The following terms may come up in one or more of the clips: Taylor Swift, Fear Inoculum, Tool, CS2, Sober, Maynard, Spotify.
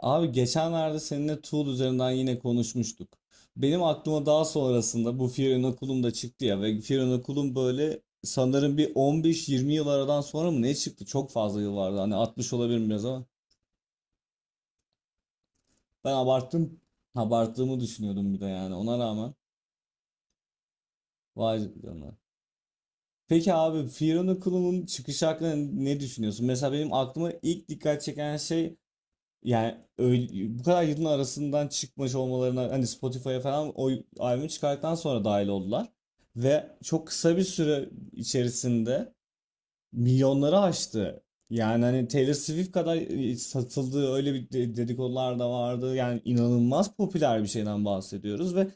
Abi geçenlerde seninle Tool üzerinden yine konuşmuştuk. Benim aklıma daha sonrasında bu Fear Inoculum da çıktı ya ve Fear Inoculum böyle sanırım bir 15-20 yıl aradan sonra mı ne çıktı? Çok fazla yıl vardı. Hani 60 olabilir biraz ama ben abarttım. Abarttığımı düşünüyordum bir de yani ona rağmen. Vay canına. Peki abi Fear Inoculum'un çıkış hakkında ne düşünüyorsun? Mesela benim aklıma ilk dikkat çeken şey. Yani bu kadar yılın arasından çıkmış olmalarına hani Spotify'a falan o albümü çıkarttıktan sonra dahil oldular. Ve çok kısa bir süre içerisinde milyonları aştı. Yani hani Taylor Swift kadar satıldığı öyle dedikodular da vardı. Yani inanılmaz popüler bir şeyden bahsediyoruz ve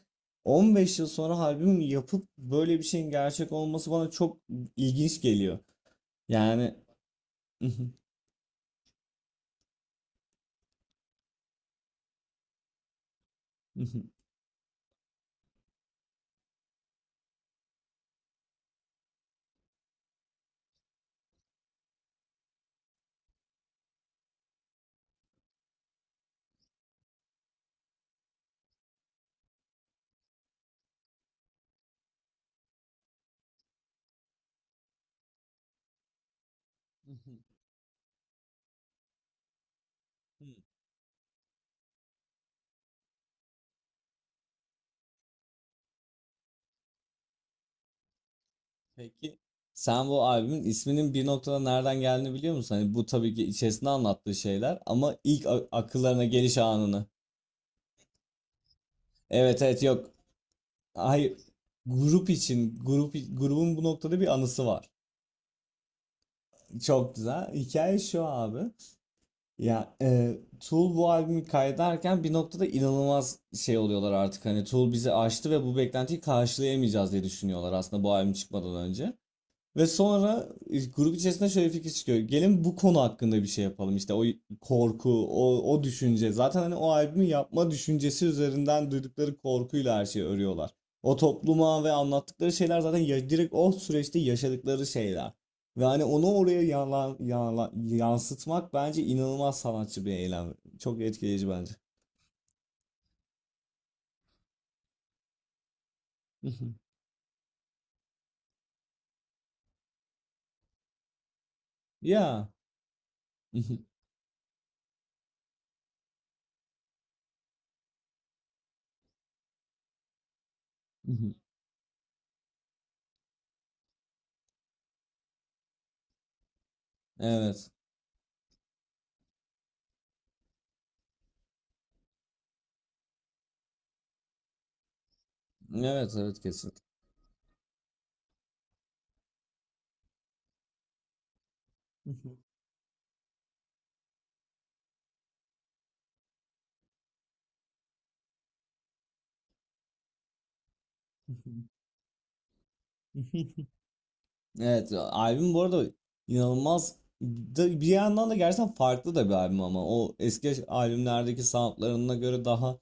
15 yıl sonra albüm yapıp böyle bir şeyin gerçek olması bana çok ilginç geliyor. Yani Peki sen bu albümün isminin bir noktada nereden geldiğini biliyor musun? Hani bu tabii ki içerisinde anlattığı şeyler ama ilk akıllarına geliş anını. Evet evet, yok. Hayır. Grup için grubun bu noktada bir anısı var. Çok güzel. Hikaye şu abi. Ya Tool bu albümü kaydederken bir noktada inanılmaz şey oluyorlar artık. Hani Tool bizi aştı ve bu beklentiyi karşılayamayacağız diye düşünüyorlar aslında bu albüm çıkmadan önce. Ve sonra grup içerisinde şöyle bir fikir çıkıyor. Gelin bu konu hakkında bir şey yapalım. İşte o korku, o düşünce. Zaten hani o albümü yapma düşüncesi üzerinden duydukları korkuyla her şeyi örüyorlar. O topluma ve anlattıkları şeyler zaten direkt o süreçte yaşadıkları şeyler. Ve hani onu oraya yansıtmak bence inanılmaz sanatçı bir eylem. Çok etkileyici bence. Ya. Evet. Evet, evet kesin. Evet, albüm bu arada inanılmaz bir yandan da gerçekten farklı da bir albüm ama o eski albümlerdeki soundlarına göre daha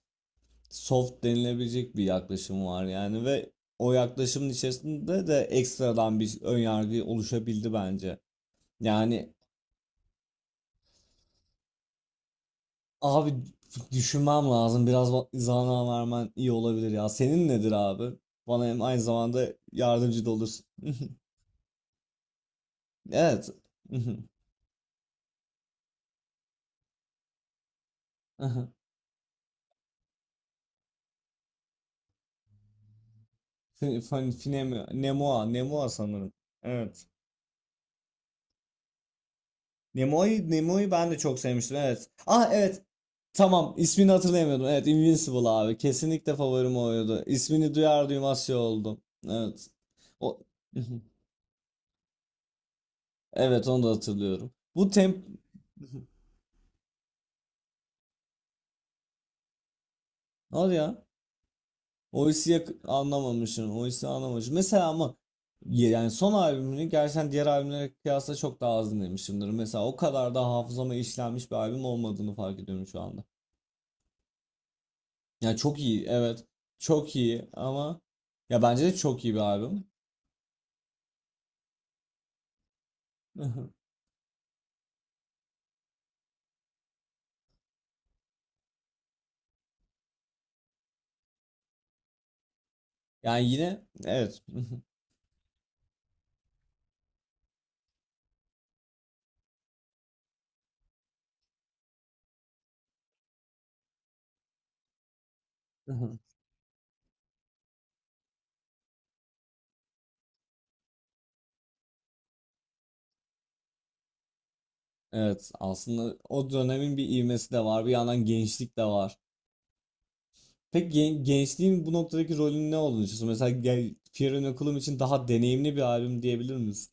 soft denilebilecek bir yaklaşım var yani ve o yaklaşımın içerisinde de ekstradan bir ön yargı oluşabildi bence. Yani abi düşünmem lazım biraz zaman vermen iyi olabilir ya. Senin nedir abi? Bana hem aynı zamanda yardımcı da olursun. Evet. Finemo, Nemoa, Nemoa sanırım. Evet. Nemoa'yı Nemo'yu ben de çok sevmiştim. Evet. Ah evet. Tamam, ismini hatırlayamıyordum. Evet, Invincible abi. Kesinlikle favorim oydu. İsmini duyar duymaz şey oldum. Evet. O Evet, onu da hatırlıyorum. Bu temp. Hadi ya. Anlamamışım. Oysi anlamamışım. Mesela ama yani son albümünü gerçekten diğer albümlere kıyasla çok daha az dinlemişimdir. Mesela o kadar da hafızama işlenmiş bir albüm olmadığını fark ediyorum şu anda. Ya çok iyi, evet. Çok iyi ama ya bence de çok iyi bir albüm. Yani yine evet. Evet aslında o dönemin bir ivmesi de var. Bir yandan gençlik de var. Peki gençliğin bu noktadaki rolünün ne olduğunu düşünüyorsun? Mesela gel Fear Inoculum için daha deneyimli bir albüm diyebilir miyiz?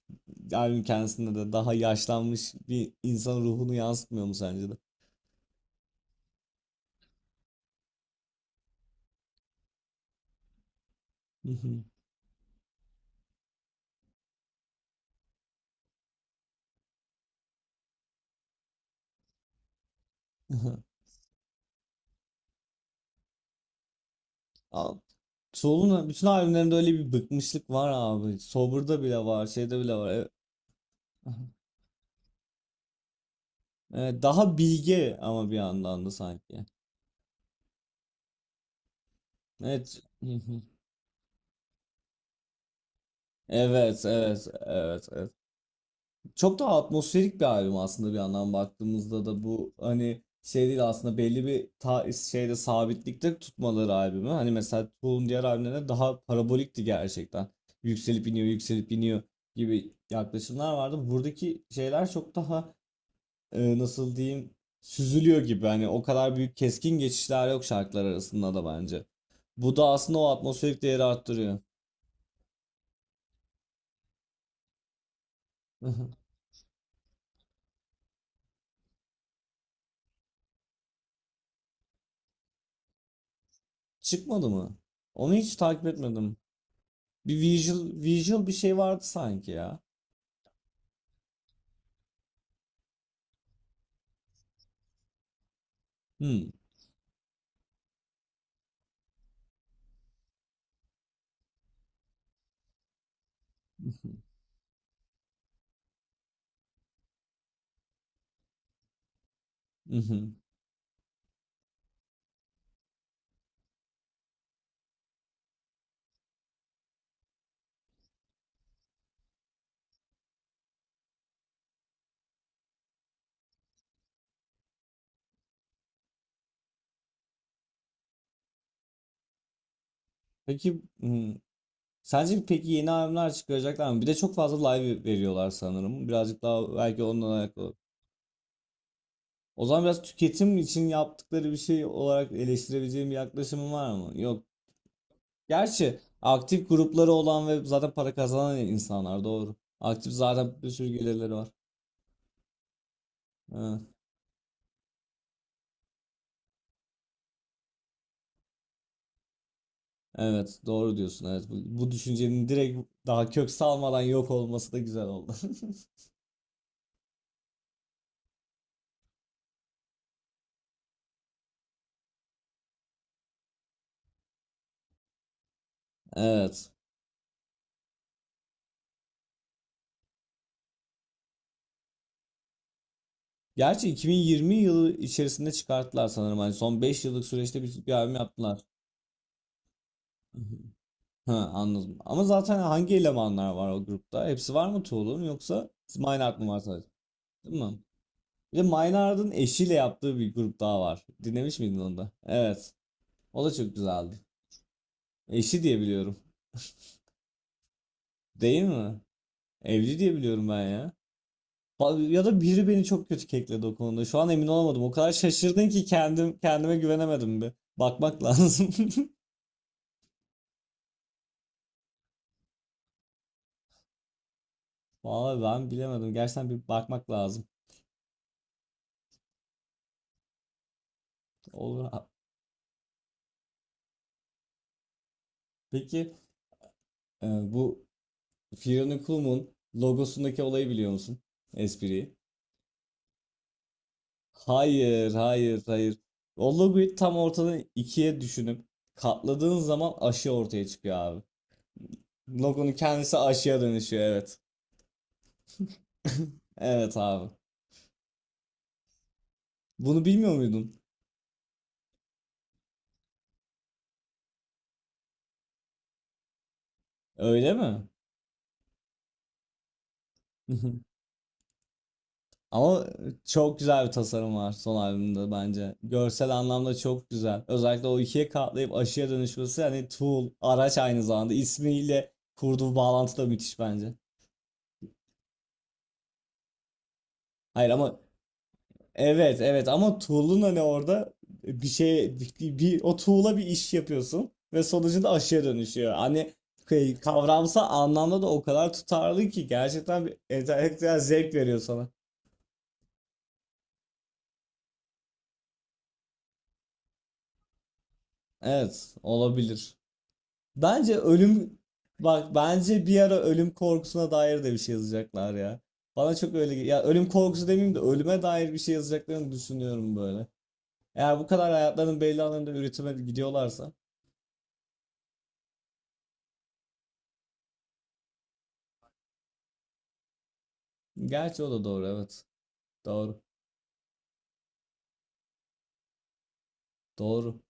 Albüm kendisinde de daha yaşlanmış bir insan ruhunu yansıtmıyor mu sence de? Al-. Soul'un bütün albümlerinde öyle bir bıkmışlık var abi. Sober'da bile var, şeyde bile var. Aha. Evet, daha bilge ama bir yandan da sanki. Evet. Hı hı. Evet, evet, evet, evet. Çok daha atmosferik bir albüm aslında bir yandan baktığımızda da bu hani şey değil, aslında belli bir ta şeyde sabitlikte tutmaları albümü. Hani mesela Tool'un diğer albümlerine daha parabolikti gerçekten. Yükselip iniyor, yükselip iniyor gibi yaklaşımlar vardı. Buradaki şeyler çok daha nasıl diyeyim, süzülüyor gibi. Hani o kadar büyük keskin geçişler yok şarkılar arasında da bence. Bu da aslında o atmosferik değeri arttırıyor. Çıkmadı mı? Onu hiç takip etmedim. Bir visual bir şey vardı sanki ya. Hmm. Mhm. Peki hmm. Sence peki yeni albümler çıkaracaklar mı? Bir de çok fazla live veriyorlar sanırım. Birazcık daha belki ondan alakalı. O zaman biraz tüketim için yaptıkları bir şey olarak eleştirebileceğim bir yaklaşımın var mı? Yok. Gerçi aktif grupları olan ve zaten para kazanan insanlar, doğru. Aktif, zaten bir sürü gelirleri var. Ha, evet doğru diyorsun. Bu düşüncenin direkt daha kök salmadan yok olması da güzel oldu. Evet. Gerçi 2020 yılı içerisinde çıkarttılar sanırım. Hani son 5 yıllık süreçte bir albüm yaptılar. Hı hı. Ha, anladım. Ama zaten hangi elemanlar var o grupta? Hepsi var mı Tuğlu'nun yoksa Minart mı var sadece? Değil mi? Bir de Maynard'ın eşiyle yaptığı bir grup daha var. Dinlemiş miydin onu da? Evet. O da çok güzeldi. Eşi diye biliyorum. Değil mi? Evli diye biliyorum ben ya. Ya da biri beni çok kötü kekledi o konuda. Şu an emin olamadım. O kadar şaşırdın ki kendim kendime güvenemedim bir. Bakmak lazım. Vallahi ben bilemedim. Gerçekten bir bakmak lazım. Olur. Ha-. Peki e, bu Fiona Cool'un logosundaki olayı biliyor musun? Espriyi. Hayır, hayır, hayır. O logoyu tam ortadan ikiye düşünüp katladığın zaman aşı ortaya çıkıyor abi. Logonun kendisi aşıya dönüşüyor, evet. Evet abi. Bunu bilmiyor muydun? Öyle mi? Ama çok güzel bir tasarım var son albümde bence. Görsel anlamda çok güzel. Özellikle o ikiye katlayıp aşıya dönüşmesi, hani tool, araç, aynı zamanda ismiyle kurduğu bağlantı da müthiş bence. Hayır ama, evet evet ama tuğlun hani orada bir şey bir, bir- o tuğla bir iş yapıyorsun ve sonucunda aşıya dönüşüyor. Hani kavramsal anlamda da o kadar tutarlı ki gerçekten bir entelektüel zevk veriyor sana. Evet olabilir. Bence ölüm, bak bence bir ara ölüm korkusuna dair de bir şey yazacaklar ya. Bana çok öyle ya ölüm korkusu demeyeyim de ölüme dair bir şey yazacaklarını düşünüyorum böyle. Eğer bu kadar hayatların belli alanında üretime gidiyorlarsa. Gerçi o da doğru, evet. Doğru. Doğru.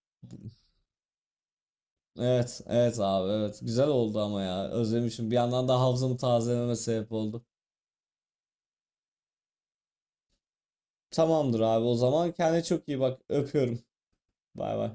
Evet, evet abi, evet. Güzel oldu ama ya. Özlemişim. Bir yandan da hafızamı tazelememe sebep oldu. Tamamdır abi. O zaman kendine çok iyi bak. Öpüyorum. Bay bay.